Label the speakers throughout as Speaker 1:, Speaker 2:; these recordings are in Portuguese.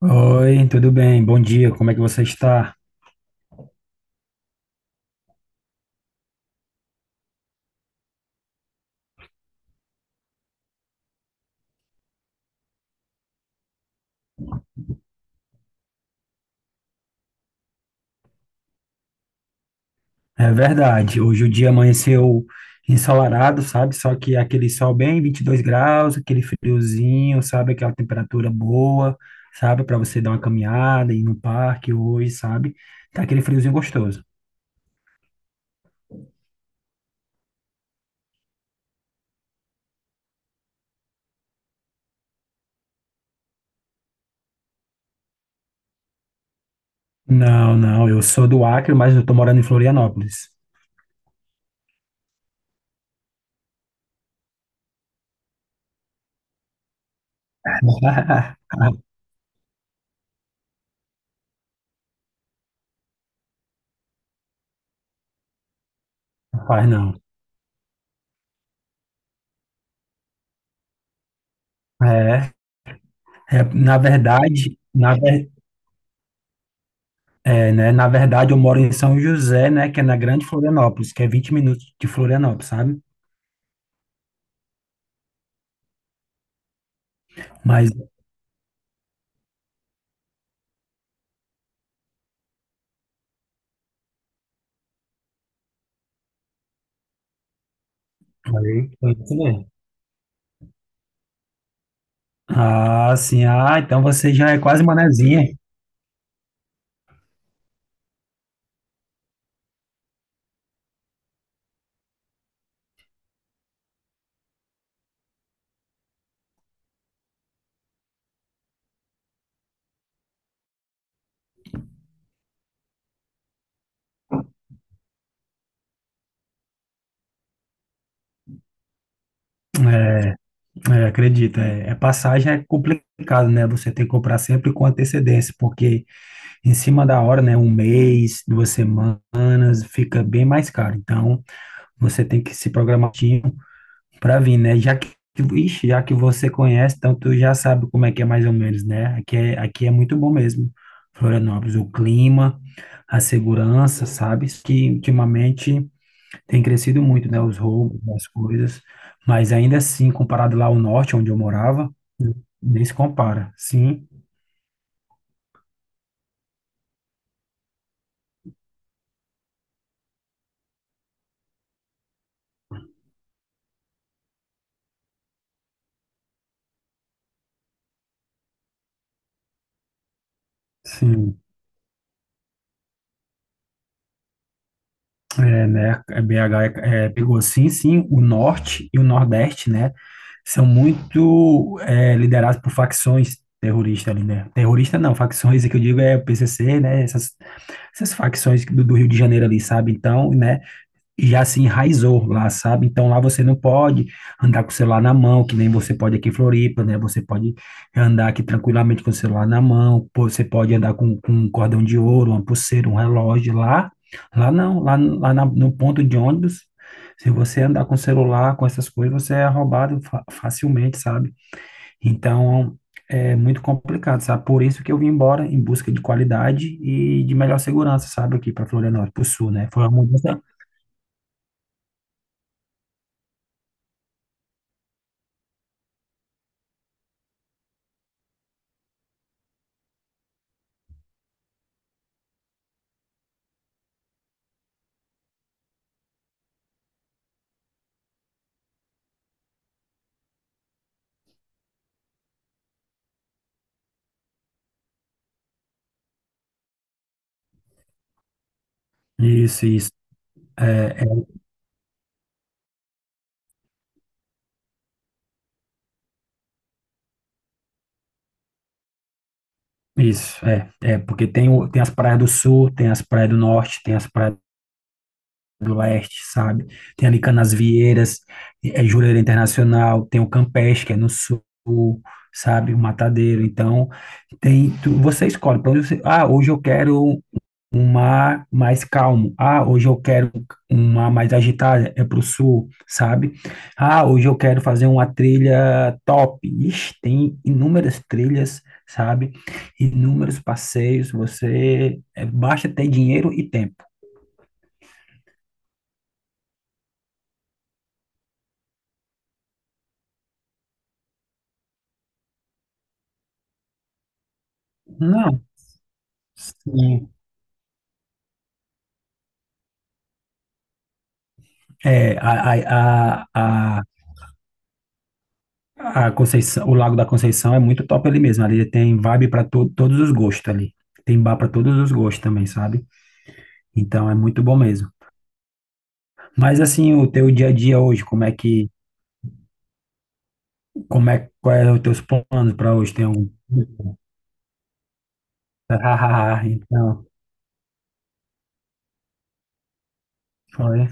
Speaker 1: Oi, tudo bem? Bom dia, como é que você está? É verdade, hoje o dia amanheceu ensolarado, sabe? Só que aquele sol bem 22 graus, aquele friozinho, sabe? Aquela temperatura boa, sabe? Para você dar uma caminhada, ir no parque hoje, sabe? Tá aquele friozinho gostoso. Não, não, eu sou do Acre, mas eu tô morando em Florianópolis. Rapaz, não. É, é, na verdade, na, ver- É, né? Na verdade, eu moro em São José, né? Que é na Grande Florianópolis, que é 20 minutos de Florianópolis, sabe? Mas. Aí, foi isso mesmo. Ah, sim. Ah, então você já é quase manezinha. É, é, acredito. É, passagem é complicado, né? Você tem que comprar sempre com antecedência, porque em cima da hora, né? Um mês, duas semanas, fica bem mais caro. Então, você tem que se programar pra vir, né? Já que, ixi, já que você conhece, então tu já sabe como é que é mais ou menos, né? Aqui é muito bom mesmo, Florianópolis. O clima, a segurança, sabes? Que ultimamente tem crescido muito, né? Os roubos, as coisas. Mas ainda assim, comparado lá ao norte, onde eu morava, nem se compara. Sim, sim. É, né? BH pegou, sim, sim, o norte e o nordeste, né? São muito é, liderados por facções terroristas ali, né? Terrorista não, facções, é que eu digo é o PCC, né? Essas facções do Rio de Janeiro ali, sabe? Então, né? Já se enraizou lá, sabe? Então lá você não pode andar com o celular na mão, que nem você pode aqui em Floripa, né? Você pode andar aqui tranquilamente com o celular na mão, pô, você pode andar com um cordão de ouro, uma pulseira, um relógio lá. Lá não, lá no ponto de ônibus, se você andar com o celular, com essas coisas, você é roubado facilmente, sabe? Então é muito complicado, sabe? Por isso que eu vim embora em busca de qualidade e de melhor segurança, sabe? Aqui para Florianópolis, para o sul, né? Foi uma mudança. Isso, isso. É isso, é porque tem, tem as praias do sul, tem as praias do norte, tem as praias do leste, sabe? Tem ali Canasvieiras, é Jurerê Internacional, tem o Campeche, que é no sul, sabe? O Matadeiro. Então, tem, você escolhe para onde você. Ah, hoje eu quero um mar mais calmo. Ah, hoje eu quero um mar mais agitada, é pro sul, sabe? Ah, hoje eu quero fazer uma trilha top. Ixi, tem inúmeras trilhas, sabe? Inúmeros passeios, você é, basta ter dinheiro e tempo. Não, sim. É, a, a, a, a Conceição, o Lago da Conceição é muito top ali mesmo. Ali tem vibe para todos os gostos ali. Tem bar para todos os gostos também, sabe? Então é muito bom mesmo. Mas assim, o teu dia a dia hoje, como é que, como é, quais são os teus planos para hoje? Tem algum? Ah, então, foi.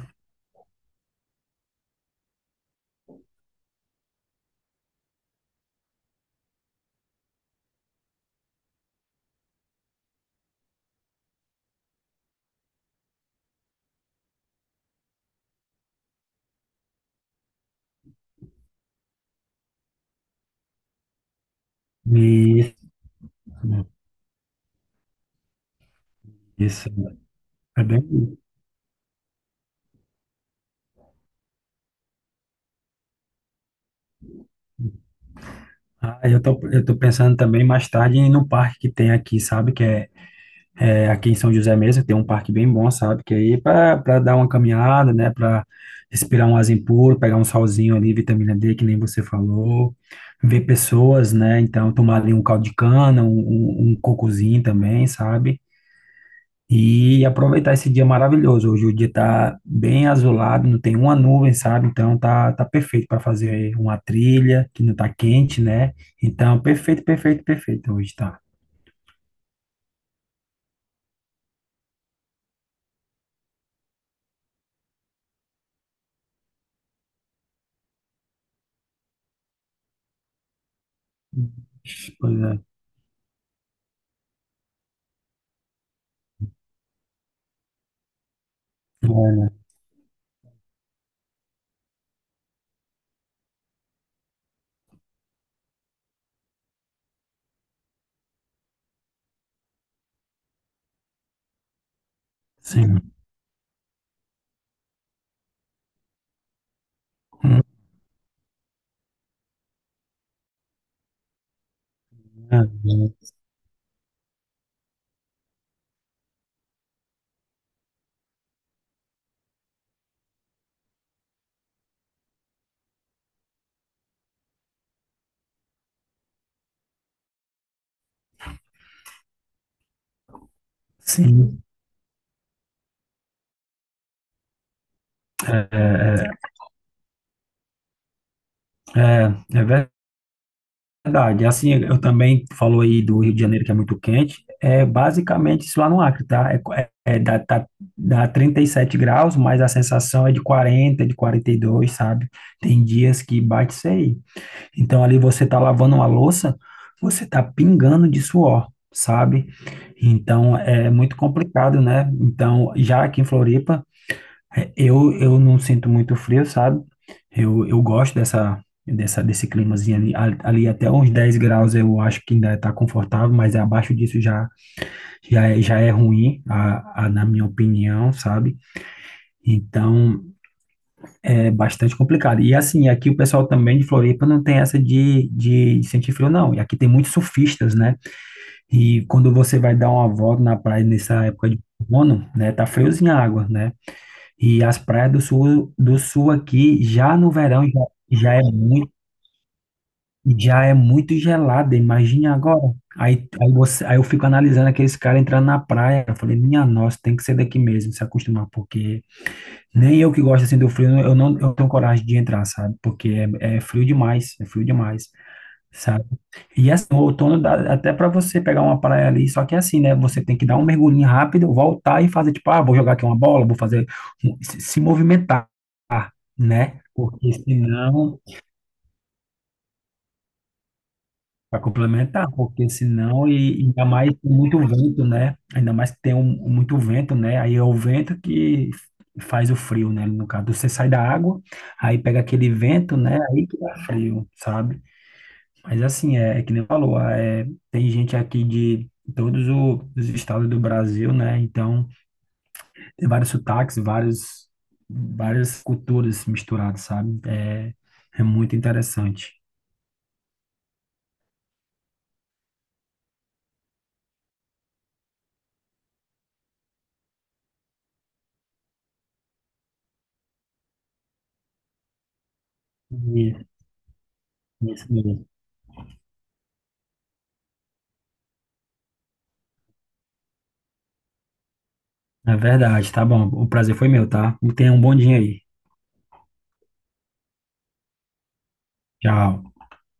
Speaker 1: Isso, isso. É bem. Isso. Ah, eu tô pensando também mais tarde no parque que tem aqui, sabe? Que é aqui em São José mesmo, tem um parque bem bom, sabe? Que aí para dar uma caminhada, né? Para respirar um arzinho puro, pegar um solzinho ali, vitamina D, que nem você falou, ver pessoas, né? Então tomar ali um caldo de cana, um cocozinho também, sabe? E aproveitar esse dia maravilhoso. Hoje o dia tá bem azulado, não tem uma nuvem, sabe? Então tá, tá perfeito para fazer uma trilha que não tá quente, né? Então, perfeito, perfeito, perfeito. Hoje tá. Coisa boa, né? Sim. Hum, é, é, Sim, é, é verdade. Verdade, assim, eu também falou aí do Rio de Janeiro que é muito quente, é basicamente isso lá no Acre, tá? É, tá, dá 37 graus, mas a sensação é de 40, de 42, sabe? Tem dias que bate isso aí. Então ali você tá lavando uma louça, você tá pingando de suor, sabe? Então é muito complicado, né? Então já aqui em Floripa é, eu não sinto muito frio, sabe? Eu gosto dessa, dessa, desse climazinho ali até uns 10 graus eu acho que ainda está confortável, mas abaixo disso já é ruim, na minha opinião, sabe? Então é bastante complicado. E assim, aqui o pessoal também de Floripa não tem essa de sentir frio, não. E aqui tem muitos surfistas, né? E quando você vai dar uma volta na praia nessa época de outono, né? Tá friozinho a água, né? E as praias do sul aqui, já no verão, já é muito, já é muito gelada, imagine agora. Aí eu fico analisando aqueles caras entrando na praia, eu falei, minha nossa, tem que ser daqui mesmo, se acostumar, porque nem eu que gosto assim do frio, eu não tenho coragem de entrar, sabe? Porque é frio demais, é frio demais. Sabe? E assim, o outono dá até para você pegar uma praia ali, só que é assim, né? Você tem que dar um mergulhinho rápido, voltar e fazer tipo, ah, vou jogar aqui uma bola, vou fazer um- se movimentar, né? Porque senão, para complementar, porque senão e ainda mais com muito vento, né? Ainda mais que tem muito vento, né? Aí é o vento que faz o frio, né? No caso, você sai da água, aí pega aquele vento, né? Aí que dá frio, sabe? Mas assim, é, é que nem falou, é, tem gente aqui de todos os estados do Brasil, né? Então, tem vários sotaques, várias culturas misturadas, sabe? É, é muito interessante. E- Isso mesmo. É verdade, tá bom. O prazer foi meu, tá? Tenha um bom dia aí. Tchau.